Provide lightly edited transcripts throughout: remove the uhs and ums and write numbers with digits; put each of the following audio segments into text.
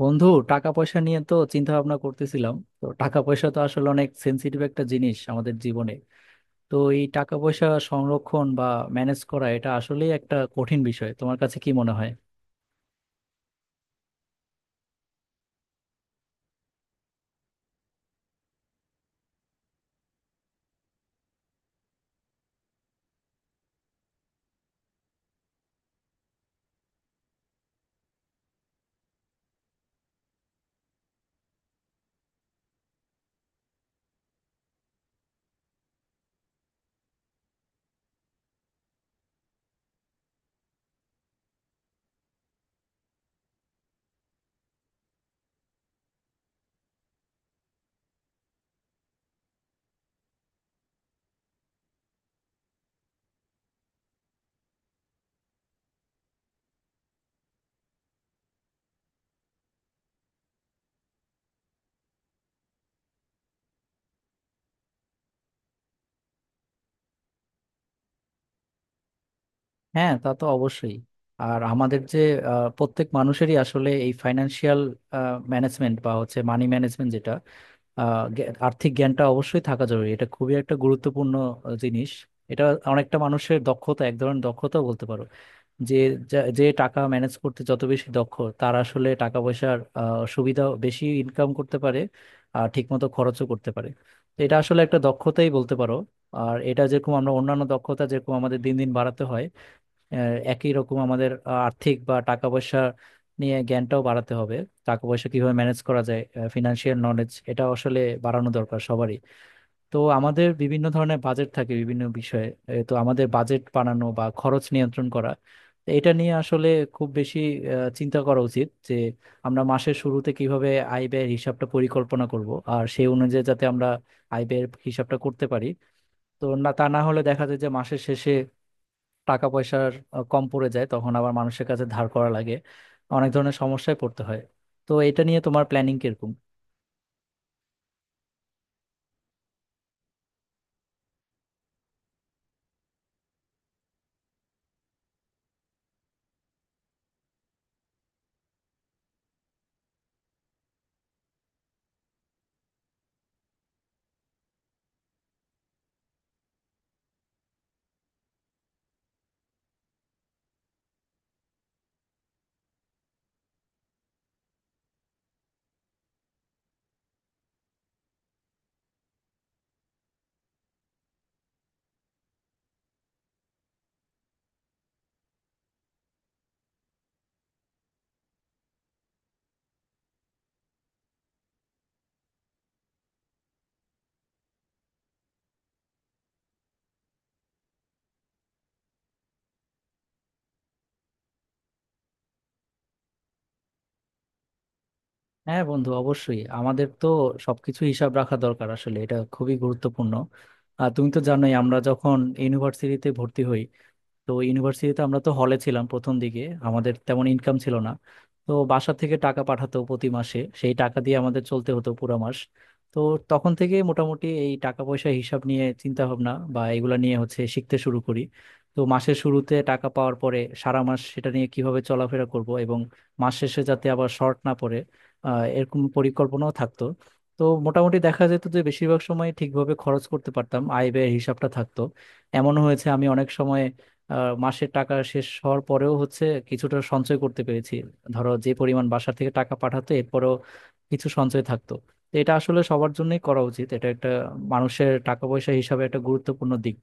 বন্ধু, টাকা পয়সা নিয়ে তো চিন্তা ভাবনা করতেছিলাম। তো টাকা পয়সা তো আসলে অনেক সেন্সিটিভ একটা জিনিস আমাদের জীবনে। তো এই টাকা পয়সা সংরক্ষণ বা ম্যানেজ করা এটা আসলেই একটা কঠিন বিষয়, তোমার কাছে কি মনে হয়? হ্যাঁ, তা তো অবশ্যই। আর আমাদের যে প্রত্যেক মানুষেরই আসলে এই ফাইন্যান্সিয়াল ম্যানেজমেন্ট বা হচ্ছে মানি ম্যানেজমেন্ট যেটা, আর্থিক জ্ঞানটা অবশ্যই থাকা জরুরি। এটা খুবই একটা গুরুত্বপূর্ণ জিনিস। এটা অনেকটা মানুষের দক্ষতা, এক ধরনের দক্ষতা বলতে পারো। যে যে টাকা ম্যানেজ করতে যত বেশি দক্ষ, তার আসলে টাকা পয়সার সুবিধা, বেশি ইনকাম করতে পারে আর ঠিকমতো খরচও করতে পারে। তো এটা আসলে একটা দক্ষতাই বলতে পারো। আর এটা যেরকম আমরা অন্যান্য দক্ষতা যেরকম আমাদের দিন দিন বাড়াতে হয়, একই রকম আমাদের আর্থিক বা টাকা পয়সা নিয়ে জ্ঞানটাও বাড়াতে হবে। টাকা পয়সা কিভাবে ম্যানেজ করা যায়, ফিনান্সিয়াল নলেজ, এটা আসলে বাড়ানো দরকার সবারই। তো আমাদের বিভিন্ন ধরনের বাজেট থাকে বিভিন্ন বিষয়ে। তো আমাদের বাজেট বানানো বা খরচ নিয়ন্ত্রণ করা, তো এটা নিয়ে আসলে খুব বেশি চিন্তা করা উচিত, যে আমরা মাসের শুরুতে কিভাবে আয় ব্যয়ের হিসাবটা পরিকল্পনা করব, আর সেই অনুযায়ী যাতে আমরা আয় ব্যয়ের হিসাবটা করতে পারি। তো না, তা না হলে দেখা যায় যে মাসের শেষে টাকা পয়সার কম পড়ে যায়, তখন আবার মানুষের কাছে ধার করা লাগে, অনেক ধরনের সমস্যায় পড়তে হয়। তো এটা নিয়ে তোমার প্ল্যানিং কিরকম? হ্যাঁ বন্ধু, অবশ্যই আমাদের তো সবকিছু হিসাব রাখা দরকার, আসলে এটা খুবই গুরুত্বপূর্ণ। আর তুমি তো জানোই আমরা যখন ইউনিভার্সিটিতে ভর্তি হই, তো ইউনিভার্সিটিতে আমরা তো হলে ছিলাম প্রথম দিকে, আমাদের তেমন ইনকাম ছিল না। তো বাসা থেকে টাকা পাঠাতো প্রতি মাসে, সেই টাকা দিয়ে আমাদের চলতে হতো পুরো মাস। তো তখন থেকে মোটামুটি এই টাকা পয়সা হিসাব নিয়ে চিন্তা ভাবনা বা এগুলা নিয়ে হচ্ছে শিখতে শুরু করি। তো মাসের শুরুতে টাকা পাওয়ার পরে সারা মাস সেটা নিয়ে কিভাবে চলাফেরা করব এবং মাস শেষে যাতে আবার শর্ট না পড়ে, এরকম পরিকল্পনাও থাকতো। তো মোটামুটি দেখা যেত যে বেশিরভাগ সময় ঠিকভাবে খরচ করতে পারতাম, আয় ব্যয়ের হিসাবটা থাকতো। এমন হয়েছে আমি অনেক সময় মাসের টাকা শেষ হওয়ার পরেও হচ্ছে কিছুটা সঞ্চয় করতে পেরেছি। ধরো যে পরিমাণ বাসা থেকে টাকা পাঠাতো, এরপরেও কিছু সঞ্চয় থাকতো। তো এটা আসলে সবার জন্যই করা উচিত, এটা একটা মানুষের টাকা পয়সা হিসাবে একটা গুরুত্বপূর্ণ দিক।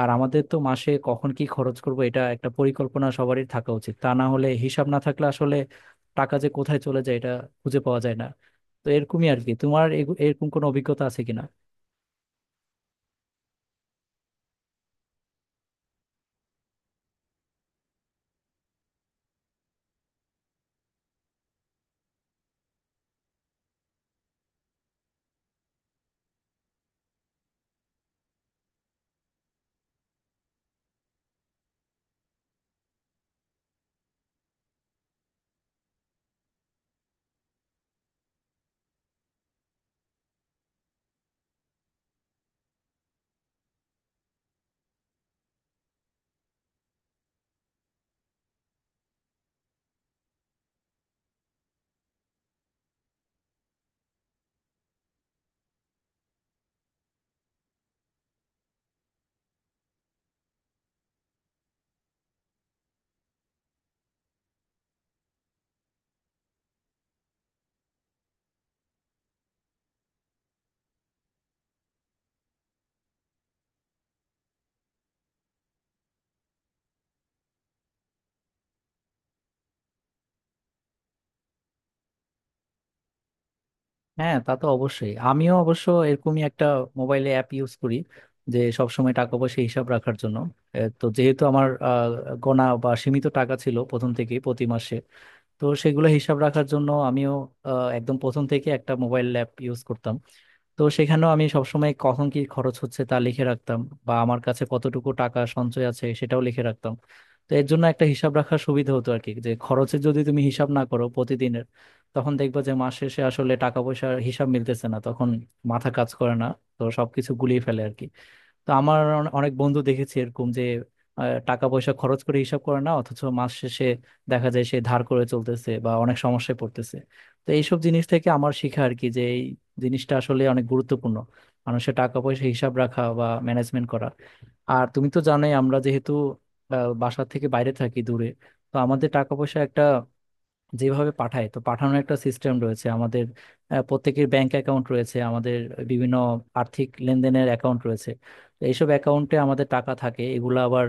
আর আমাদের তো মাসে কখন কি খরচ করব এটা একটা পরিকল্পনা সবারই থাকা উচিত, তা না হলে হিসাব না থাকলে আসলে টাকা যে কোথায় চলে যায় এটা খুঁজে পাওয়া যায় না। তো এরকমই আর কি, তোমার এরকম কোনো অভিজ্ঞতা আছে কিনা? হ্যাঁ, তা তো অবশ্যই। আমিও অবশ্য এরকমই একটা মোবাইলে অ্যাপ ইউজ করি, যে সবসময় টাকা পয়সা হিসাব রাখার জন্য। তো যেহেতু আমার গোনা বা সীমিত টাকা ছিল প্রথম থেকেই প্রতি মাসে, তো সেগুলো হিসাব রাখার জন্য আমিও একদম প্রথম থেকে একটা মোবাইল অ্যাপ ইউজ করতাম। তো সেখানেও আমি সবসময় কখন কি খরচ হচ্ছে তা লিখে রাখতাম, বা আমার কাছে কতটুকু টাকা সঞ্চয় আছে সেটাও লিখে রাখতাম। তো এর জন্য একটা হিসাব রাখার সুবিধা হতো আর কি, যে খরচের যদি তুমি হিসাব না করো প্রতিদিনের, তখন দেখবা যে মাস শেষে আসলে টাকা পয়সার হিসাব মিলতেছে না, তখন মাথা কাজ করে না, তো সবকিছু গুলিয়ে ফেলে আর কি। তো আমার অনেক বন্ধু দেখেছি এরকম যে টাকা পয়সা খরচ করে হিসাব করে না, অথচ মাস শেষে দেখা যায় সে ধার করে চলতেছে বা অনেক সমস্যায় পড়তেছে। তো এইসব জিনিস থেকে আমার শিখা আর কি, যে এই জিনিসটা আসলে অনেক গুরুত্বপূর্ণ, মানুষের টাকা পয়সা হিসাব রাখা বা ম্যানেজমেন্ট করা। আর তুমি তো জানোই, আমরা যেহেতু বাসা থেকে বাইরে থাকি দূরে, তো আমাদের টাকা পয়সা একটা যেভাবে পাঠায়, তো পাঠানোর একটা সিস্টেম রয়েছে আমাদের। প্রত্যেকের ব্যাংক অ্যাকাউন্ট রয়েছে, আমাদের বিভিন্ন আর্থিক লেনদেনের অ্যাকাউন্ট রয়েছে। তো এইসব অ্যাকাউন্টে আমাদের টাকা থাকে, এগুলো আবার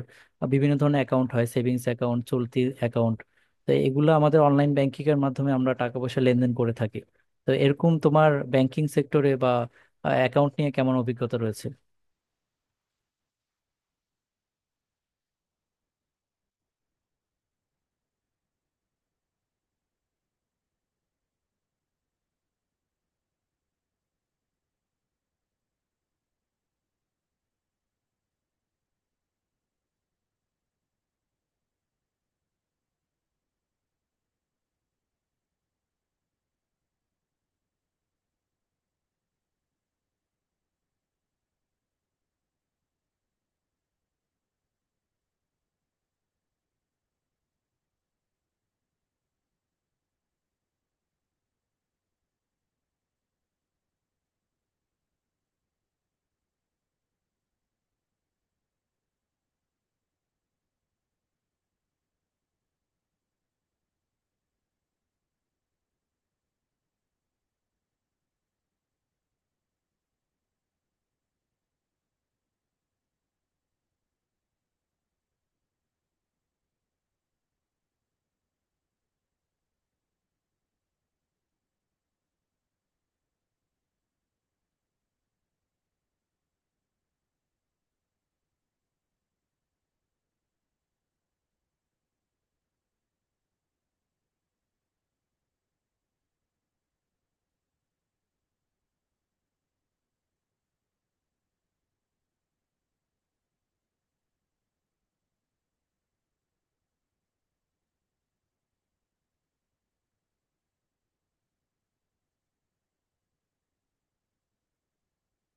বিভিন্ন ধরনের অ্যাকাউন্ট হয়, সেভিংস অ্যাকাউন্ট, চলতি অ্যাকাউন্ট। তো এগুলো আমাদের অনলাইন ব্যাংকিং এর মাধ্যমে আমরা টাকা পয়সা লেনদেন করে থাকি। তো এরকম তোমার ব্যাংকিং সেক্টরে বা অ্যাকাউন্ট নিয়ে কেমন অভিজ্ঞতা রয়েছে?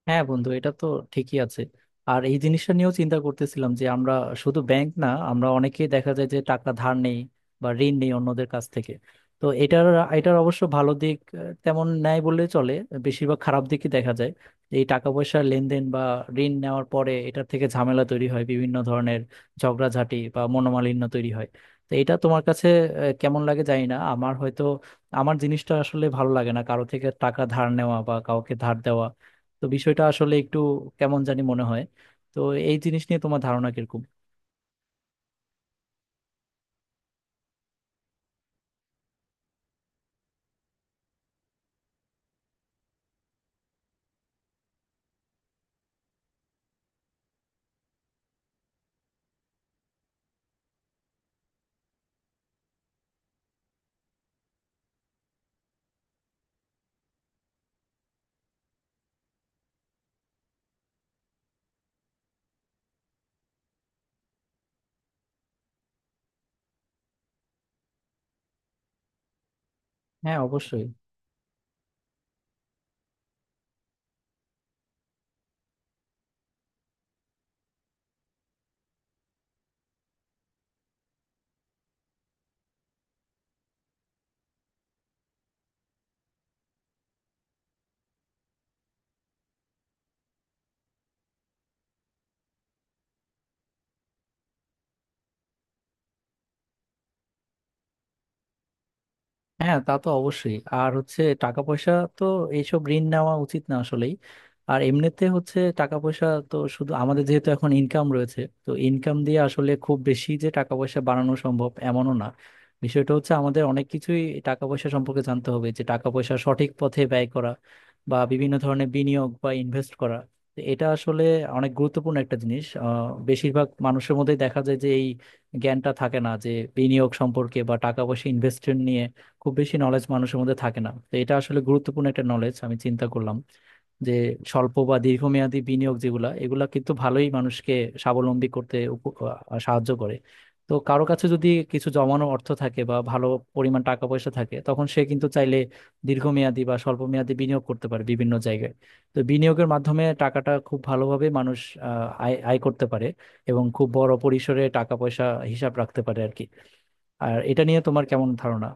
হ্যাঁ বন্ধু, এটা তো ঠিকই আছে। আর এই জিনিসটা নিয়েও চিন্তা করতেছিলাম যে আমরা শুধু ব্যাংক না, আমরা অনেকেই দেখা যায় যে টাকা ধার নেই বা ঋণ নেই অন্যদের কাছ থেকে। তো এটার এটার অবশ্য ভালো দিক তেমন নেয় বললে চলে, বেশিরভাগ খারাপ দিকই দেখা যায়। এই টাকা পয়সার লেনদেন বা ঋণ নেওয়ার পরে এটার থেকে ঝামেলা তৈরি হয় বিভিন্ন ধরনের, ঝগড়াঝাটি বা মনোমালিন্য তৈরি হয়। তো এটা তোমার কাছে কেমন লাগে জানি না, আমার হয়তো, আমার জিনিসটা আসলে ভালো লাগে না, কারো থেকে টাকা ধার নেওয়া বা কাউকে ধার দেওয়া। তো বিষয়টা আসলে একটু কেমন জানি মনে হয়। তো এই জিনিস নিয়ে তোমার ধারণা কিরকম? হ্যাঁ, অবশ্যই। হ্যাঁ, তা তো অবশ্যই। আর হচ্ছে টাকা পয়সা, তো এইসব ঋণ নেওয়া উচিত না আসলেই। আর এমনিতে হচ্ছে টাকা পয়সা তো শুধু আমাদের যেহেতু এখন ইনকাম রয়েছে, তো ইনকাম দিয়ে আসলে খুব বেশি যে টাকা পয়সা বাড়ানো সম্ভব এমনও না। বিষয়টা হচ্ছে আমাদের অনেক কিছুই টাকা পয়সা সম্পর্কে জানতে হবে, যে টাকা পয়সা সঠিক পথে ব্যয় করা বা বিভিন্ন ধরনের বিনিয়োগ বা ইনভেস্ট করা। তো এটা আসলে অনেক গুরুত্বপূর্ণ একটা জিনিস। বেশিরভাগ মানুষের মধ্যেই দেখা যায় যে এই জ্ঞানটা থাকে না, যে বিনিয়োগ সম্পর্কে বা টাকা পয়সা ইনভেস্টমেন্ট নিয়ে খুব বেশি নলেজ মানুষের মধ্যে থাকে না। তো এটা আসলে গুরুত্বপূর্ণ একটা নলেজ, আমি চিন্তা করলাম যে স্বল্প বা দীর্ঘমেয়াদী বিনিয়োগ যেগুলা, এগুলা কিন্তু ভালোই মানুষকে স্বাবলম্বী করতে সাহায্য করে। তো কারো কাছে যদি কিছু জমানো অর্থ থাকে বা ভালো পরিমাণ টাকা পয়সা থাকে, তখন সে কিন্তু চাইলে দীর্ঘমেয়াদী বা স্বল্প মেয়াদী বিনিয়োগ করতে পারে বিভিন্ন জায়গায়। তো বিনিয়োগের মাধ্যমে টাকাটা খুব ভালোভাবে মানুষ আয় আয় করতে পারে এবং খুব বড় পরিসরে টাকা পয়সা হিসাব রাখতে পারে আর কি। আর এটা নিয়ে তোমার কেমন ধারণা?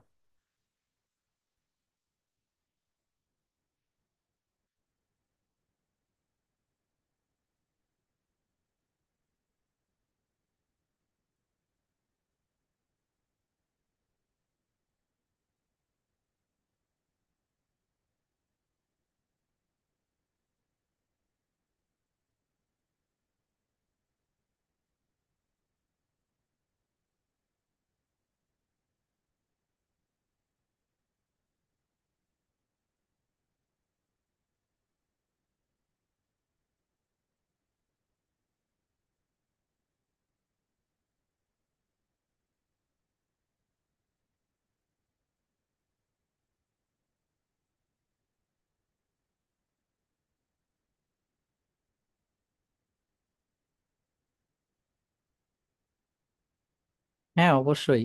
হ্যাঁ, অবশ্যই।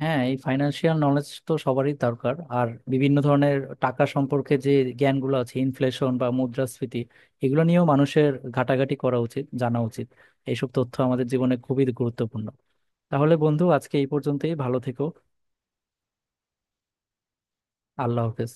হ্যাঁ, এই ফাইন্যান্সিয়াল নলেজ তো সবারই দরকার। আর বিভিন্ন ধরনের টাকা সম্পর্কে যে জ্ঞানগুলো আছে, ইনফ্লেশন বা মুদ্রাস্ফীতি, এগুলো নিয়েও মানুষের ঘাটাঘাটি করা উচিত, জানা উচিত। এইসব তথ্য আমাদের জীবনে খুবই গুরুত্বপূর্ণ। তাহলে বন্ধু, আজকে এই পর্যন্তই। ভালো থেকো। আল্লাহ হাফেজ।